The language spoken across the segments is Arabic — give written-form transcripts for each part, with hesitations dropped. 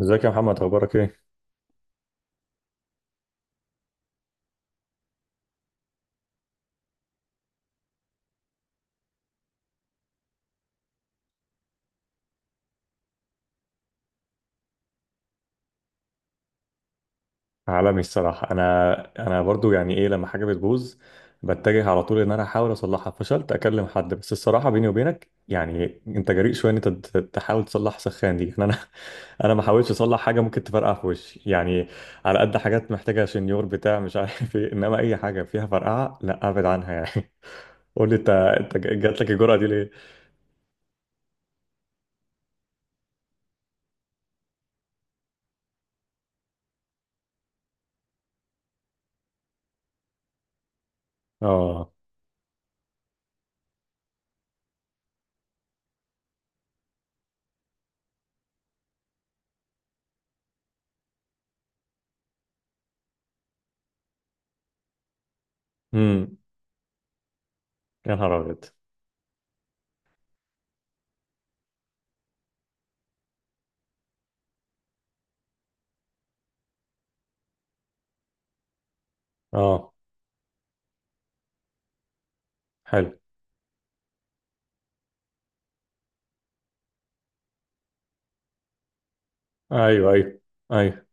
ازيك يا محمد، اخبارك ايه؟ عالمي الصراحه، انا برضو يعني ايه لما حاجه بتبوظ، بتجه على طول ان انا احاول اصلحها، فشلت اكلم حد. بس الصراحه بيني وبينك، يعني انت جريء شويه ان انت تحاول تصلح سخان دي، يعني انا. انا ما حاولتش اصلح حاجه ممكن تفرقع في وشي يعني، على قد حاجات محتاجه شنيور بتاع مش عارف ايه، انما اي حاجه فيها فرقعه لا، ابعد عنها يعني. قول لي انت، جات لك الجرأه دي ليه؟ اه. امم يا نهار ابيض. اه. حلو. ايوه ايوه. ايوه.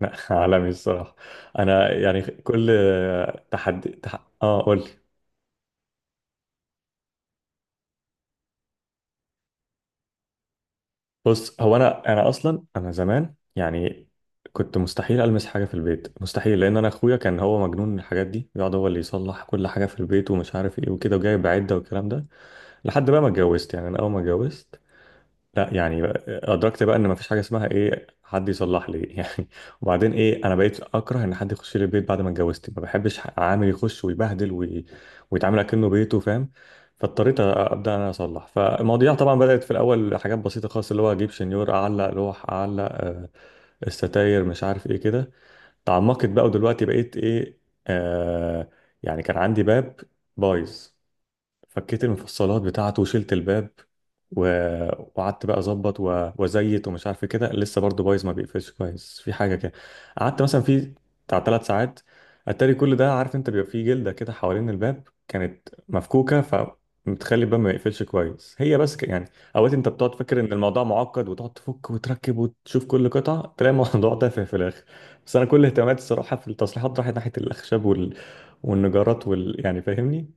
لا. عالمي الصراحة، أنا يعني كل تحدي آه قول لي. بص هو أنا أصلا أنا زمان يعني كنت مستحيل ألمس حاجة في البيت، مستحيل، لأن أنا أخويا كان هو مجنون الحاجات دي، يقعد هو اللي يصلح كل حاجة في البيت ومش عارف إيه وكده وجايب عدة والكلام ده. لحد بقى ما اتجوزت، يعني أنا أول ما اتجوزت، لا يعني ادركت بقى ان مفيش حاجه اسمها ايه حد يصلح لي يعني. وبعدين ايه، انا بقيت اكره ان حد يخش لي البيت بعد ما اتجوزت، ما بحبش عامل يخش ويبهدل ويتعامل اكنه بيته، فاهم. فاضطريت ابدا انا اصلح، فالمواضيع طبعا بدات في الاول حاجات بسيطه خالص، اللي هو اجيب شنيور اعلق لوح اعلق الستاير مش عارف ايه كده. تعمقت بقى ودلوقتي بقيت ايه، آه، يعني كان عندي باب بايظ، فكيت المفصلات بتاعته وشلت الباب و... وقعدت بقى اظبط وازيت ومش عارف إيه كده، لسه برضه بايظ ما بيقفلش كويس في حاجه كده. قعدت مثلا في بتاع 3 ساعات، اتاري كل ده عارف انت بيبقى فيه جلده كده حوالين الباب كانت مفكوكه، فمتخلي الباب ما يقفلش كويس هي بس يعني. اوقات انت بتقعد فاكر ان الموضوع معقد وتقعد تفك وتركب وتشوف كل قطعه، تلاقي الموضوع تافه في الاخر. بس انا كل اهتماماتي الصراحه في التصليحات راحت ناحيه الخشب والنجارات يعني فاهمني،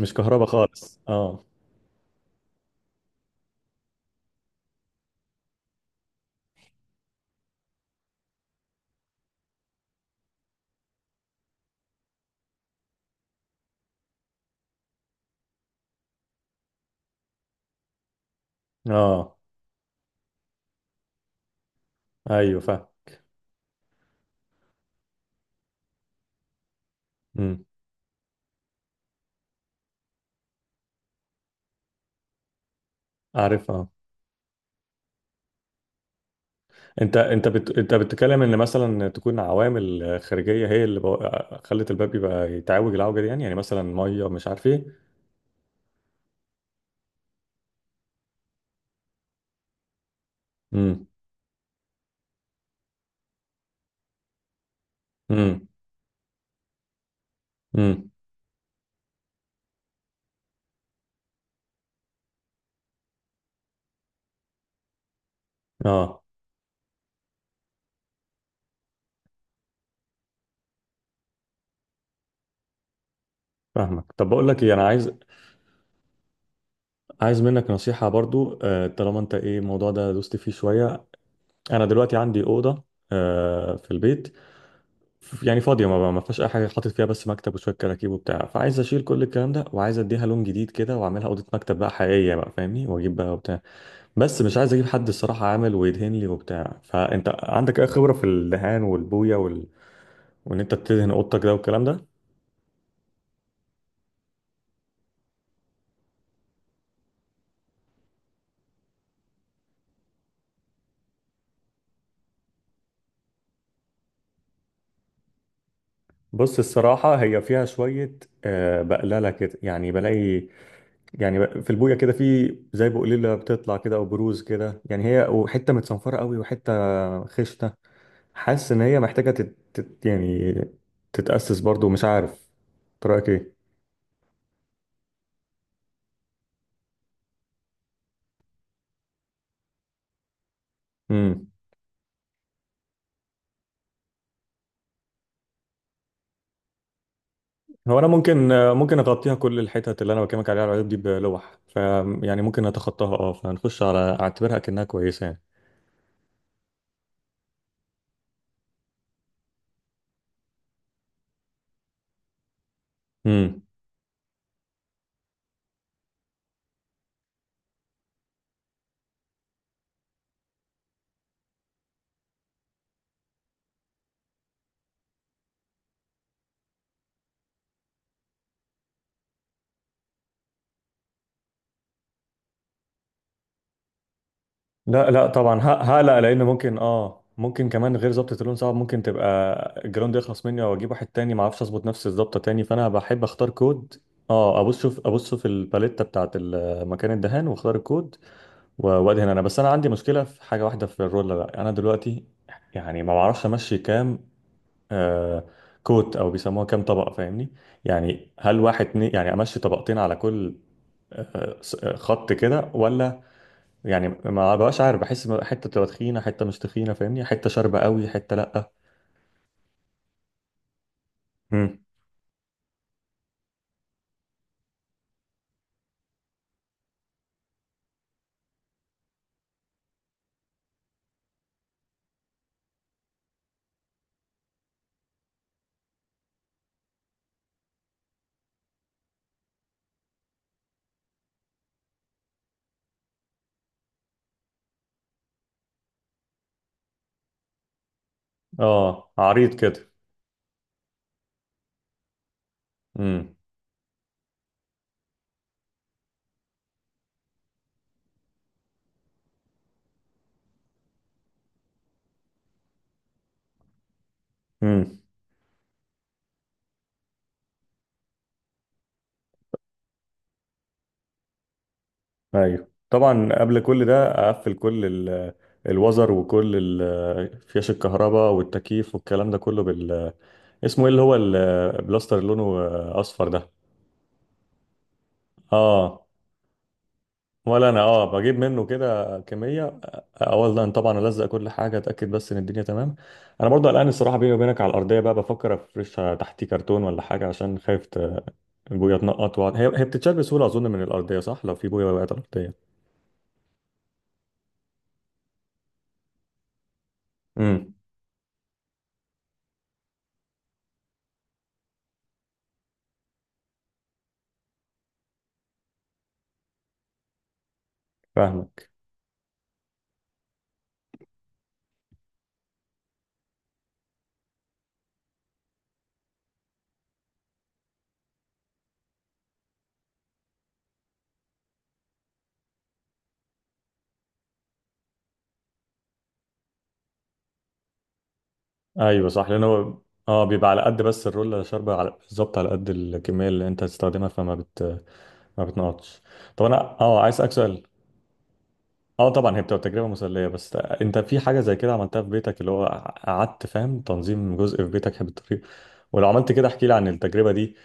مش كهربا خالص. اه. اه. ايوه فاهم. امم عارف. اه. انت انت بتتكلم ان مثلا تكون عوامل خارجيه هي اللي خلت الباب يبقى يتعوج العوجه دي، يعني يعني مثلا ميه مش عارف ايه. امم امم امم اه فاهمك. طب بقول لك ايه، انا عايز عايز منك نصيحه برضو، طالما انت ايه الموضوع ده دوست فيه شويه. انا دلوقتي عندي اوضه في البيت، يعني فاضية، ما فيهاش أي حاجة، حاطط فيها بس مكتب وشوية كراكيب وبتاع، فعايز أشيل كل الكلام ده وعايز أديها لون جديد كده وأعملها أوضة مكتب بقى حقيقية بقى فاهمني، وأجيب بقى وبتاع. بس مش عايز أجيب حد الصراحة عامل ويدهن لي وبتاع، فأنت عندك أي خبرة في الدهان والبوية وإن أنت تدهن أوضتك ده والكلام ده؟ بص الصراحة هي فيها شوية، بقللة كده، يعني بلاقي يعني في البوية كده في زي بقليلة بتطلع كده أو بروز كده، يعني هي وحتة متصنفرة قوي وحتة خشنة. حاسس ان هي محتاجه يعني تتاسس برضو، مش عارف، إنت رايك ايه؟ امم هو انا ممكن، اغطيها كل الحتت اللي انا بكلمك عليها، على العيوب دي بلوح ف، يعني ممكن اتخطاها اه فنخش على اعتبرها كأنها كويسه يعني. امم لا لا طبعا، هقلق لان ممكن اه ممكن كمان غير ظبطة اللون صعب، ممكن تبقى الجراوند يخلص مني او اجيب واحد تاني ما اعرفش اظبط نفس الظبطه تاني، فانا بحب اختار كود. اه ابص شوف، ابص في الباليتة بتاعت ال- مكان الدهان واختار الكود وادهن انا. بس انا عندي مشكله في حاجه واحده في الرولر بقى، انا دلوقتي يعني ما بعرفش امشي كام آه كوت او بيسموها كام طبقه، فاهمني، يعني هل واحد اتنين، يعني امشي طبقتين على كل خط كده ولا، يعني ما بقاش عارف، بحس إن حته تبقى تخينه حته مش تخينه، فاهمني، حته شاربه قوي حته لا. امم اه عريض كده. امم ايوه طبعا، قبل كل ده اقفل كل ال- الوزر وكل ال- فيش الكهرباء والتكييف والكلام ده كله بال، اسمه ايه اللي هو البلاستر اللي لونه اصفر ده. اه. ولا انا اه بجيب منه كده كميه، اولا طبعا الزق كل حاجه اتاكد بس ان الدنيا تمام. انا برضو قلقان الصراحه بيني وبينك على الارضيه بقى، بفكر افرشها تحتيه كرتون ولا حاجه، عشان خايف البويه تنقط هي هي بتتشال بسهوله اظن من الارضيه، صح؟ لو في بويه وقعت على الارضيه. امم فاهمك. ايوه صح، لان هو اه بيبقى على قد بس الرولة شاربة على بالظبط على قد الكمية اللي انت هتستخدمها، فما بت ما بتنقطش. طب انا اه عايز اسالك سؤال، اه طبعا هي بتبقى تجربة مسلية، بس انت في حاجة زي كده عملتها في بيتك، اللي هو قعدت فاهم تنظيم جزء في بيتك بالطريقة، ولو عملت كده احكي لي عن التجربة دي،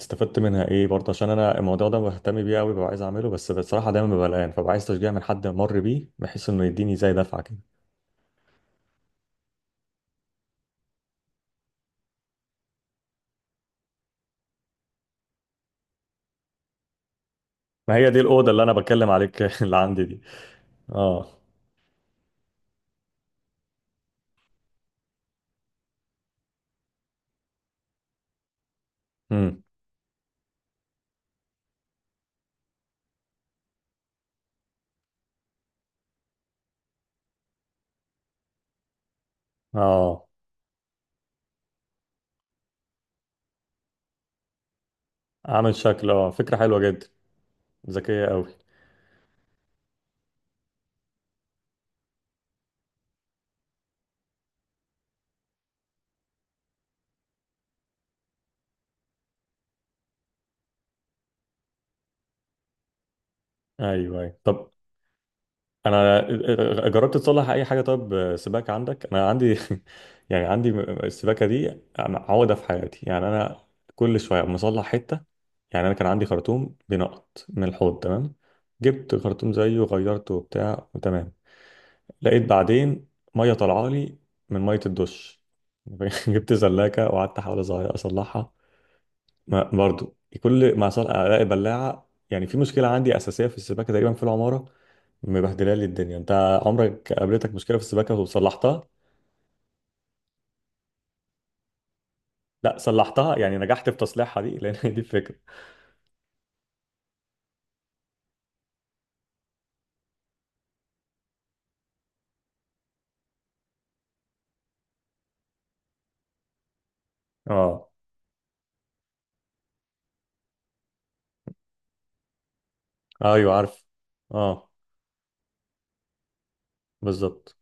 استفدت منها ايه برضه، عشان انا الموضوع ده بهتم بيه قوي، ببقى عايز اعمله بس بصراحة دايما ببقى قلقان، فببقى عايز تشجيع من حد مر بيه بحيث انه يديني زي دفعة كده. ما هي دي الأوضة اللي انا بتكلم عليك اللي عندي دي. اه. إمم. اه. عامل شكل اه، فكرة حلوة جدا. ذكية قوي. ايوه ايوه. طب انا جربت تصلح اي حاجة، طب سباكة عندك، انا عندي يعني عندي السباكة دي. أنا عقدة في حياتي، يعني انا كل شوية مصلح حتة. يعني انا كان عندي خرطوم بينقط من الحوض، تمام جبت خرطوم زيه غيرته وبتاع وتمام. لقيت بعدين مية طالعة لي من مية الدش، جبت زلاكة وقعدت احاول اصلحها، ما برضو كل ما صار الاقي بلاعه، يعني في مشكله عندي اساسيه في السباكه تقريبا في العماره، مبهدله لي الدنيا. انت عمرك قابلتك مشكله في السباكه وصلحتها؟ لا صلحتها يعني نجحت في تصليحها دي لان هي دي الفكره. اه. ايوه عارف. اه. بالظبط.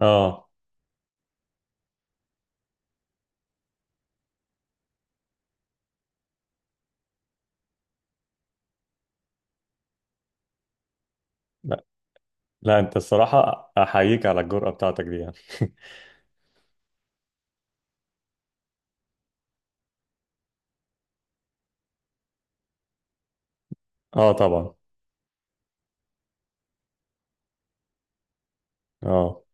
اه. لا لا انت الصراحه احييك على الجرأه بتاعتك دي يعني. اه طبعا. اه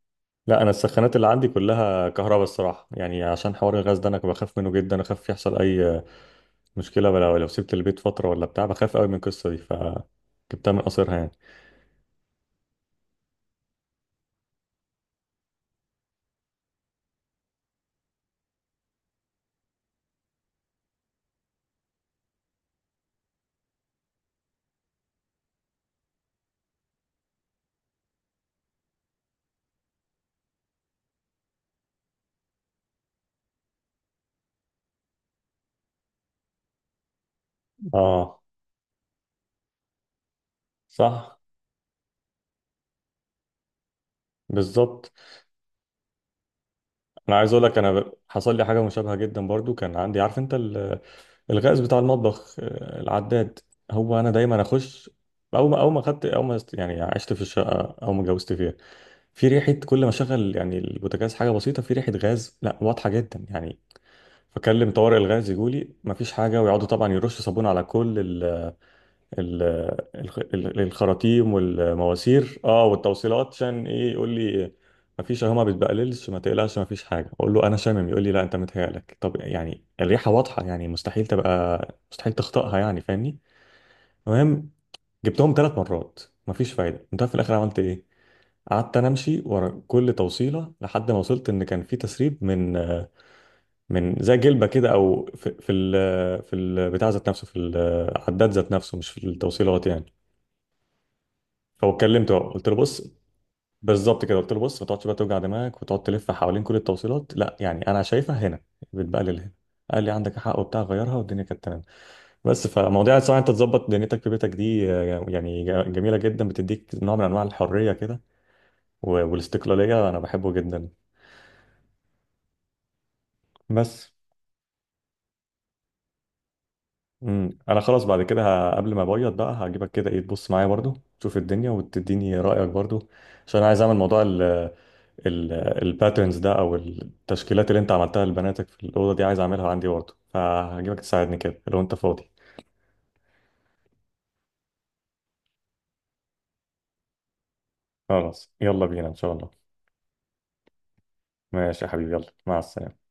لا انا السخانات اللي عندي كلها كهرباء الصراحه يعني، عشان حوار الغاز ده انا بخاف منه جدا، اخاف يحصل اي مشكلة لو لو سبت البيت فترة ولا بتاع، بخاف قوي من القصة دي، فجبتها من قصرها يعني. اه. صح. بالظبط. انا عايز اقول لك انا حصل لي حاجة مشابهة جدا برضو، كان عندي عارف انت ال- الغاز بتاع المطبخ، العداد، هو انا دايما اخش اول ما خدت اول ما يعني عشت في الشقة او ما اتجوزت فيها، في ريحة كل ما اشغل يعني البوتاجاز حاجة بسيطة، في ريحة غاز لا واضحة جدا يعني. فكلم طوارئ الغاز، يجولي مفيش حاجة، ويقعدوا طبعا يرشوا صابون على كل ال- الخراطيم والمواسير اه والتوصيلات، عشان ايه، يقول لي مفيش اهو ما بتبقللش، ما تقلقش مفيش حاجه. اقول له انا شامم، يقول لي لا انت متهيألك. طب يعني الريحه واضحه يعني مستحيل تبقى، مستحيل تخطئها يعني فاهمني. المهم جبتهم 3 مرات، مفيش فايده. انت في الاخر عملت ايه؟ قعدت انا امشي ورا كل توصيله لحد ما وصلت ان كان في تسريب من زي جلبه كده، او في البتاع ذات نفسه، في العداد ذات نفسه، مش في التوصيلات يعني. هو اتكلمت بقى قلت له بص، بالظبط كده، قلت له بص ما تقعدش بقى توجع دماغك وتقعد تلف حوالين كل التوصيلات، لا يعني انا شايفها هنا، بتبقى لل هنا. قال لي عندك حق وبتاع، غيرها والدنيا كانت تمام. بس فمواضيع الصراحه انت تظبط دنيتك في بيتك دي يعني جميله جدا، بتديك نوع من انواع الحريه كده والاستقلاليه، انا بحبه جدا. بس انا خلاص بعد كده، قبل ما ابيض بقى هجيبك كده ايه، تبص معايا برضو، تشوف الدنيا وتديني رايك برضو، عشان انا عايز اعمل موضوع الباترنز ده او التشكيلات اللي انت عملتها لبناتك في الاوضه دي عايز اعملها عندي برضه، فهجيبك تساعدني كده لو انت فاضي. خلاص يلا بينا ان شاء الله. ماشي يا حبيبي، يلا مع السلامه.